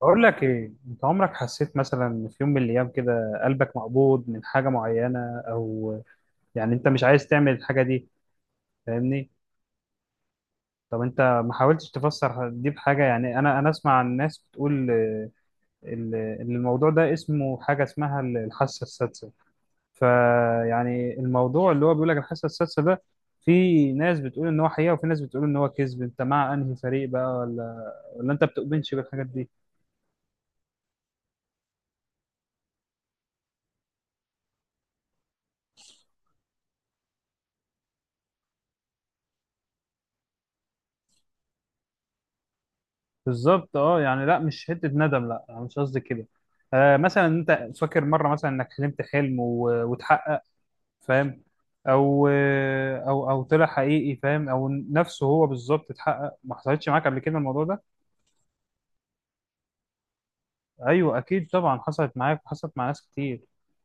بقول لك ايه، انت عمرك حسيت مثلا إن في يوم من الايام كده قلبك مقبوض من حاجه معينه، او يعني انت مش عايز تعمل الحاجه دي، فاهمني؟ طب انت ما حاولتش تفسر دي بحاجه؟ يعني انا اسمع عن ناس بتقول ان الموضوع ده اسمه حاجه اسمها الحاسه السادسه. فيعني الموضوع اللي هو بيقول لك الحاسه السادسه ده، في ناس بتقول ان هو حقيقه وفي ناس بتقول ان هو كذب. انت مع انهي فريق بقى، ولا انت بتؤمنش بالحاجات دي؟ بالظبط اه، يعني لا مش حته ندم، لا انا مش قصدي كده. آه، مثلا انت فاكر مره مثلا انك حلمت حلم واتحقق؟ فاهم. او او طلع حقيقي، فاهم، او نفسه هو بالظبط اتحقق. ما حصلتش معاك قبل كده الموضوع ده؟ ايوه اكيد طبعا حصلت معاك وحصلت مع ناس كتير.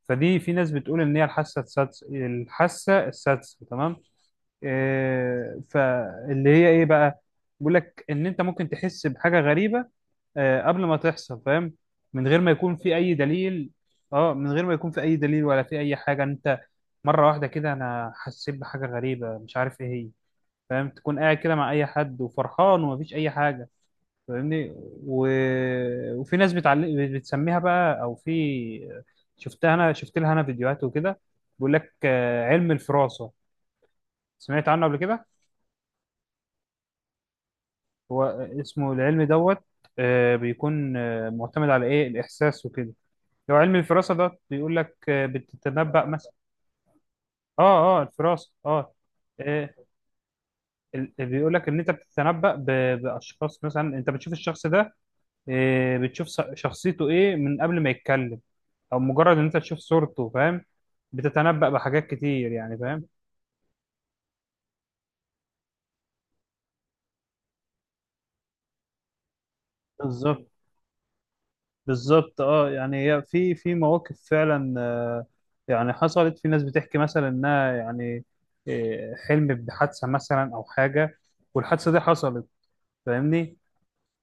فدي في ناس بتقول ان هي الحاسه السادسه، الحاسه السادسه، تمام. آه، فاللي هي ايه بقى؟ بيقول لك ان انت ممكن تحس بحاجه غريبه قبل ما تحصل، فاهم؟ من غير ما يكون في اي دليل. اه، من غير ما يكون في اي دليل ولا في اي حاجه. انت مره واحده كده انا حسيت بحاجه غريبه مش عارف ايه هي، فاهم؟ تكون قاعد كده مع اي حد وفرحان ومفيش اي حاجه، فاهمني؟ و... وفي ناس بتعلق، بتسميها بقى، او في... شفتها انا، شفت لها انا فيديوهات وكده. بيقول لك علم الفراسه. سمعت عنه قبل كده؟ هو اسمه العلم دوت. بيكون معتمد على ايه، الاحساس وكده. لو علم الفراسة ده بيقول لك بتتنبأ مثلا. اه اه، الفراسة اه. آه، بيقول لك ان انت بتتنبأ باشخاص. مثلا انت بتشوف الشخص ده بتشوف شخصيته ايه من قبل ما يتكلم، او مجرد ان انت تشوف صورته، فاهم؟ بتتنبأ بحاجات كتير يعني، فاهم؟ بالظبط. بالظبط اه، يعني هي في مواقف فعلا يعني حصلت. في ناس بتحكي مثلا انها يعني حلمت بحادثه مثلا او حاجه، والحادثه دي حصلت، فاهمني؟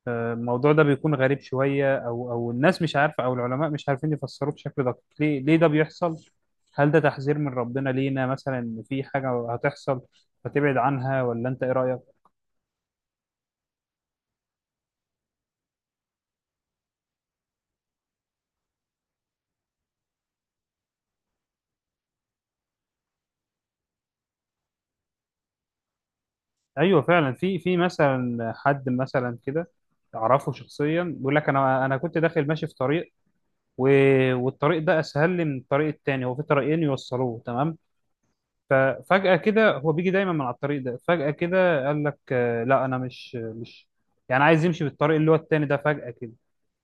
الموضوع ده بيكون غريب شوية، أو أو الناس مش عارفة أو العلماء مش عارفين يفسروه بشكل دقيق. ليه ده بيحصل؟ هل ده تحذير من ربنا لينا مثلا إن في حاجة هتحصل فتبعد عنها، ولا أنت إيه رأيك؟ أيوه فعلا في مثلا حد مثلا كده أعرفه شخصيا، بيقول لك أنا كنت داخل ماشي في طريق و... والطريق ده أسهل لي من الطريق التاني، هو في طريقين يوصلوه، تمام؟ ففجأة كده هو بيجي دايما من على الطريق ده، فجأة كده قال لك لا، أنا مش يعني عايز يمشي بالطريق اللي هو التاني ده فجأة كده،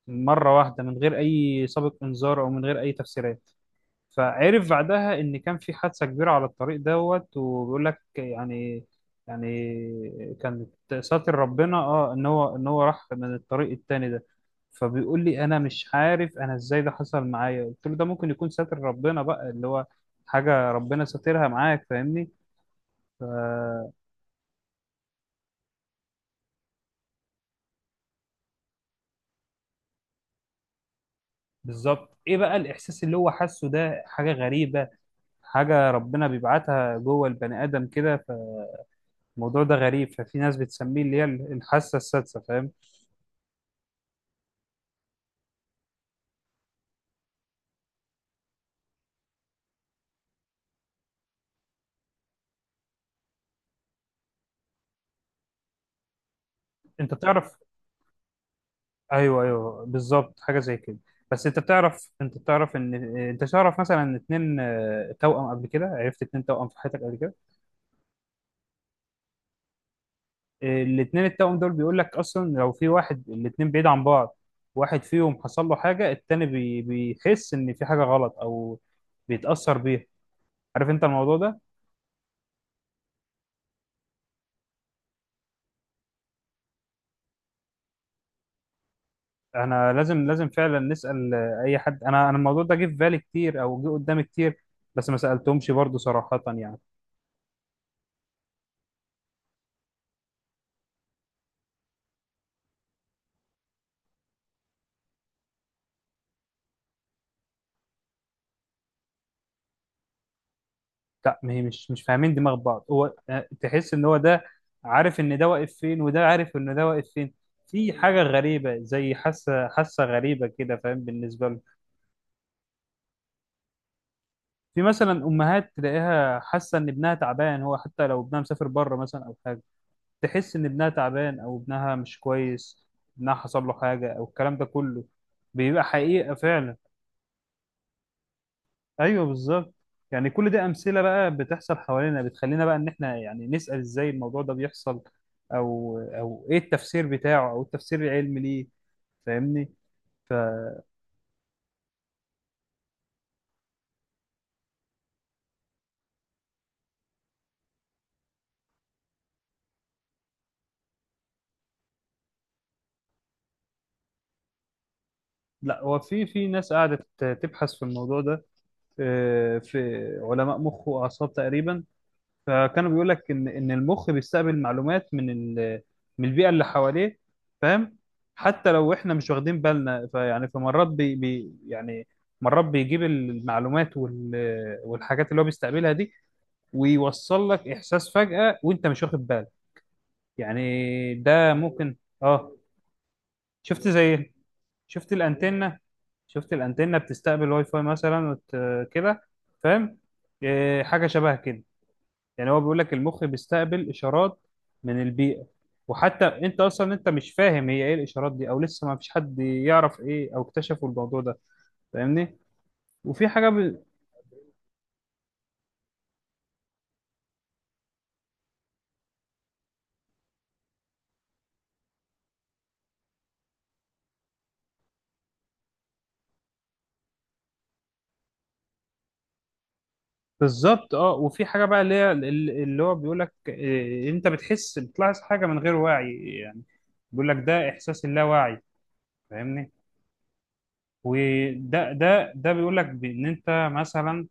مرة واحدة، من غير أي سابق إنذار أو من غير أي تفسيرات. فعرف بعدها إن كان في حادثة كبيرة على الطريق دوت. وبيقول لك يعني، يعني كانت ساتر ربنا، اه، ان هو راح من الطريق التاني ده. فبيقول لي: انا مش عارف انا ازاي ده حصل معايا. قلت له: ده ممكن يكون ساتر ربنا بقى، اللي هو حاجة ربنا ساترها معاك، فاهمني؟ ف- بالظبط. ايه بقى الاحساس اللي هو حاسه ده؟ حاجه غريبه، حاجه ربنا بيبعتها جوه البني ادم كده. فالموضوع ده غريب، ففي ناس بتسميه اللي هي الحاسه السادسه، فاهم؟ انت تعرف؟ ايوه ايوه بالظبط، حاجه زي كده. بس انت تعرف، انت تعرف ان انت تعرف مثلا ان اتنين توأم؟ قبل كده عرفت اتنين توأم في حياتك قبل كده؟ الاتنين التوأم دول بيقول لك اصلا، لو في واحد، الاتنين بعيد عن بعض، واحد فيهم حصل له حاجه، التاني بيحس ان في حاجه غلط او بيتأثر بيها. عارف انت الموضوع ده؟ احنا لازم لازم فعلا نسأل اي حد. انا الموضوع ده جه في بالي كتير او جه قدامي كتير، بس ما سألتهمش برضو صراحة يعني. لا، ما هي مش فاهمين دماغ بعض، هو تحس ان هو ده عارف ان ده واقف فين، وده عارف ان ده واقف فين. في حاجة غريبة، زي حاسة غريبة كده، فاهم؟ بالنسبة له. في مثلا امهات تلاقيها حاسة ان ابنها تعبان، هو حتى لو ابنها مسافر بره مثلا او حاجة، تحس ان ابنها تعبان او ابنها مش كويس، ابنها حصل له حاجه، او الكلام ده كله بيبقى حقيقه فعلا. ايوه بالظبط. يعني كل ده امثله بقى بتحصل حوالينا، بتخلينا بقى ان احنا يعني نسال: ازاي الموضوع ده بيحصل؟ او ايه التفسير بتاعه، او التفسير العلمي ليه، فاهمني؟ لا، هو في ناس قعدت تبحث في الموضوع ده، في علماء مخ واعصاب تقريبا. فكانوا بيقول لك ان المخ بيستقبل معلومات من من البيئه اللي حواليه، فاهم؟ حتى لو احنا مش واخدين بالنا. فيعني فمرات يعني مرات بيجيب المعلومات والحاجات اللي هو بيستقبلها دي، ويوصل لك احساس فجأة وانت مش واخد بالك. يعني ده ممكن. اه. شفت زي إيه؟ شفت الانتنه، شفت الانتنه بتستقبل واي فاي مثلا كده، فاهم؟ إيه، حاجه شبه كده. يعني هو بيقول لك المخ بيستقبل اشارات من البيئه، وحتى انت اصلا انت مش فاهم هي ايه الاشارات دي، او لسه ما فيش حد يعرف ايه، او اكتشفوا الموضوع ده، فاهمني؟ وفي حاجه ب... بالظبط اه. وفي حاجه بقى اللي هي اللي هو بيقول لك إيه، انت بتحس، بتلاحظ حاجه من غير وعي يعني. بيقول لك ده احساس اللاواعي، فاهمني؟ وده ده ده بيقول لك بان انت مثلا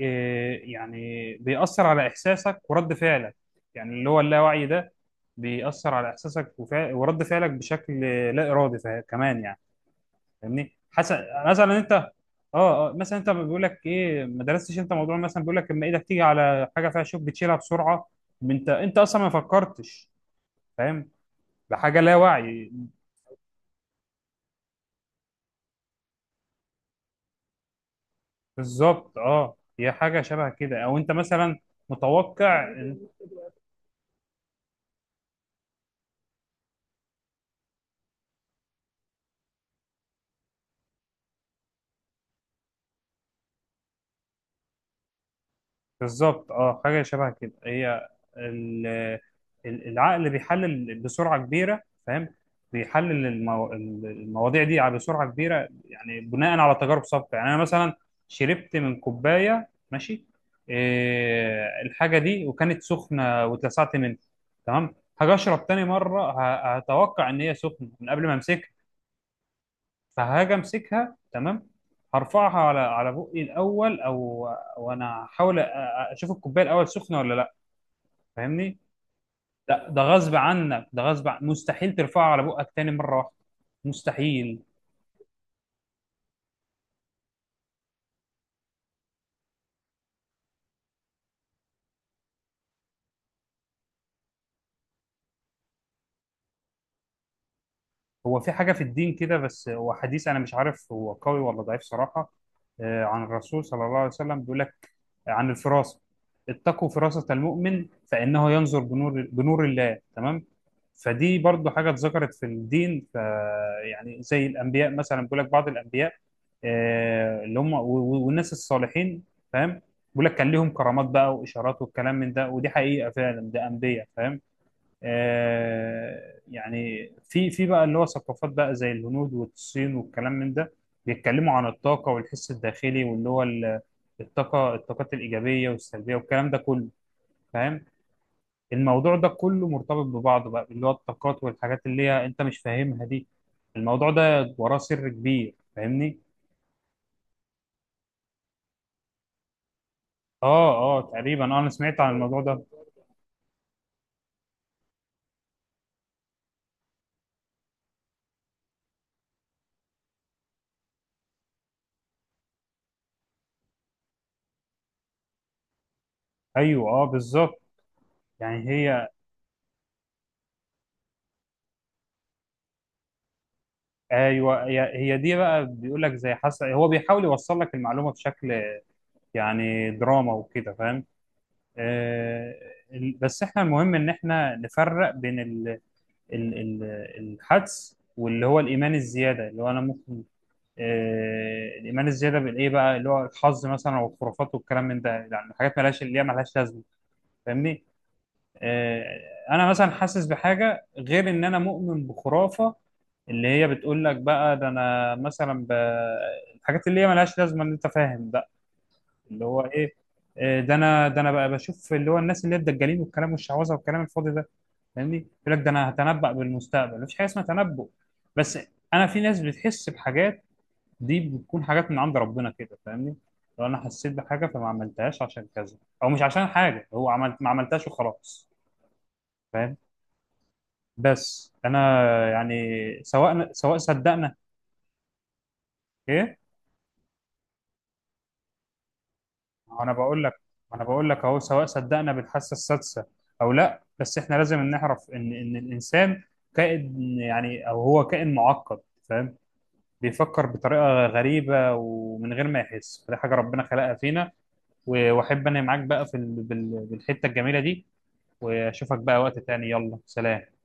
إيه، يعني بيأثر على إحساسك ورد فعلك. يعني اللي هو اللاوعي ده بيأثر على إحساسك ورد فعلك بشكل لا إرادي، كمان يعني، فاهمني حسن؟ مثلا أنت، اه اه، مثلا انت بيقول لك ايه، ما درستش انت موضوع، مثلا بيقول لك اما ايدك تيجي على حاجه فيها شوك بتشيلها بسرعه. انت اصلا ما فكرتش، فاهم؟ بحاجه لا وعي. بالظبط اه، هي حاجه شبه كده، او انت مثلا متوقع. بالظبط اه، حاجه شبه كده. هي ال- العقل بيحلل بسرعه كبيره، فاهم؟ بيحلل المواضيع دي على بسرعه كبيره. يعني بناء على تجارب سابقه. يعني انا مثلا شربت من كوبايه، ماشي، إيه الحاجه دي؟ وكانت سخنه واتلسعت منها، تمام. هاجي اشرب تاني مره، هتوقع ان هي سخنه من قبل ما امسكها. فهاجي امسكها، تمام، هرفعها على بقي الاول، او وانا احاول اشوف الكوبايه الاول سخنه ولا لا، فاهمني؟ لا، ده غصب عنك، ده مستحيل ترفعها على بقك تاني مره واحده. مستحيل. هو في حاجة في الدين كده، بس هو حديث أنا مش عارف هو قوي ولا ضعيف صراحة. عن الرسول صلى الله عليه وسلم بيقول لك عن الفراسة: اتقوا فراسة المؤمن فإنه ينظر بنور الله، تمام. فدي برضو حاجة اتذكرت في الدين. يعني زي الأنبياء مثلا، بيقول لك بعض الأنبياء اللي هم والناس الصالحين، فاهم؟ بيقول لك كان ليهم كرامات بقى وإشارات والكلام من ده. ودي حقيقة فعلا، ده أنبياء، فاهم؟ آه، يعني في بقى اللي هو ثقافات بقى زي الهنود والصين والكلام من ده، بيتكلموا عن الطاقة والحس الداخلي، واللي هو الطاقة، الطاقات الإيجابية والسلبية والكلام ده كله، فاهم؟ الموضوع ده كله مرتبط ببعضه بقى، اللي هو الطاقات والحاجات اللي هي أنت مش فاهمها دي. الموضوع ده وراه سر كبير، فاهمني؟ اه اه تقريبا، انا سمعت عن الموضوع ده. ايوه اه بالظبط يعني هي، ايوه، هي دي بقى، بيقول لك زي حسن، هو بيحاول يوصل لك المعلومة بشكل يعني دراما وكده، فاهم؟ آه، بس احنا المهم ان احنا نفرق بين ال الحدس واللي هو الايمان الزياده، اللي هو انا ممكن الايمان الزياده بالايه بقى، اللي هو الحظ مثلا والخرافات والكلام من ده. يعني حاجات مالهاش، اللي هي مالهاش لازمه، فاهمني؟ آه، انا مثلا حاسس بحاجه، غير ان انا مؤمن بخرافه اللي هي بتقول لك بقى ده انا مثلا الحاجات اللي هي مالهاش لازمه ان انت فاهم، اللي هو ايه. إيه ده؟ انا ده انا بقى بشوف اللي هو الناس اللي هي الدجالين والكلام والشعوذه والكلام الفاضي ده، فاهمني؟ يقول لك ده انا هتنبأ بالمستقبل. مفيش حاجه اسمها تنبؤ، بس انا في ناس بتحس بحاجات، دي بتكون حاجات من عند ربنا كده، فاهمني؟ لو انا حسيت بحاجه فما عملتهاش عشان كذا، او مش عشان حاجه، هو عملت ما عملتهاش وخلاص، فاهم؟ بس انا يعني، سواء صدقنا. ايه؟ انا بقول لك، انا بقول لك اهو، سواء صدقنا بالحاسه السادسه او لا، بس احنا لازم نعرف ان الانسان كائن، يعني او هو كائن معقد، فاهم؟ بيفكر بطريقه غريبه ومن غير ما يحس. فدي حاجه ربنا خلقها فينا. واحب انا معاك بقى في بالحته الجميله دي، واشوفك بقى وقت تاني، يلا سلام.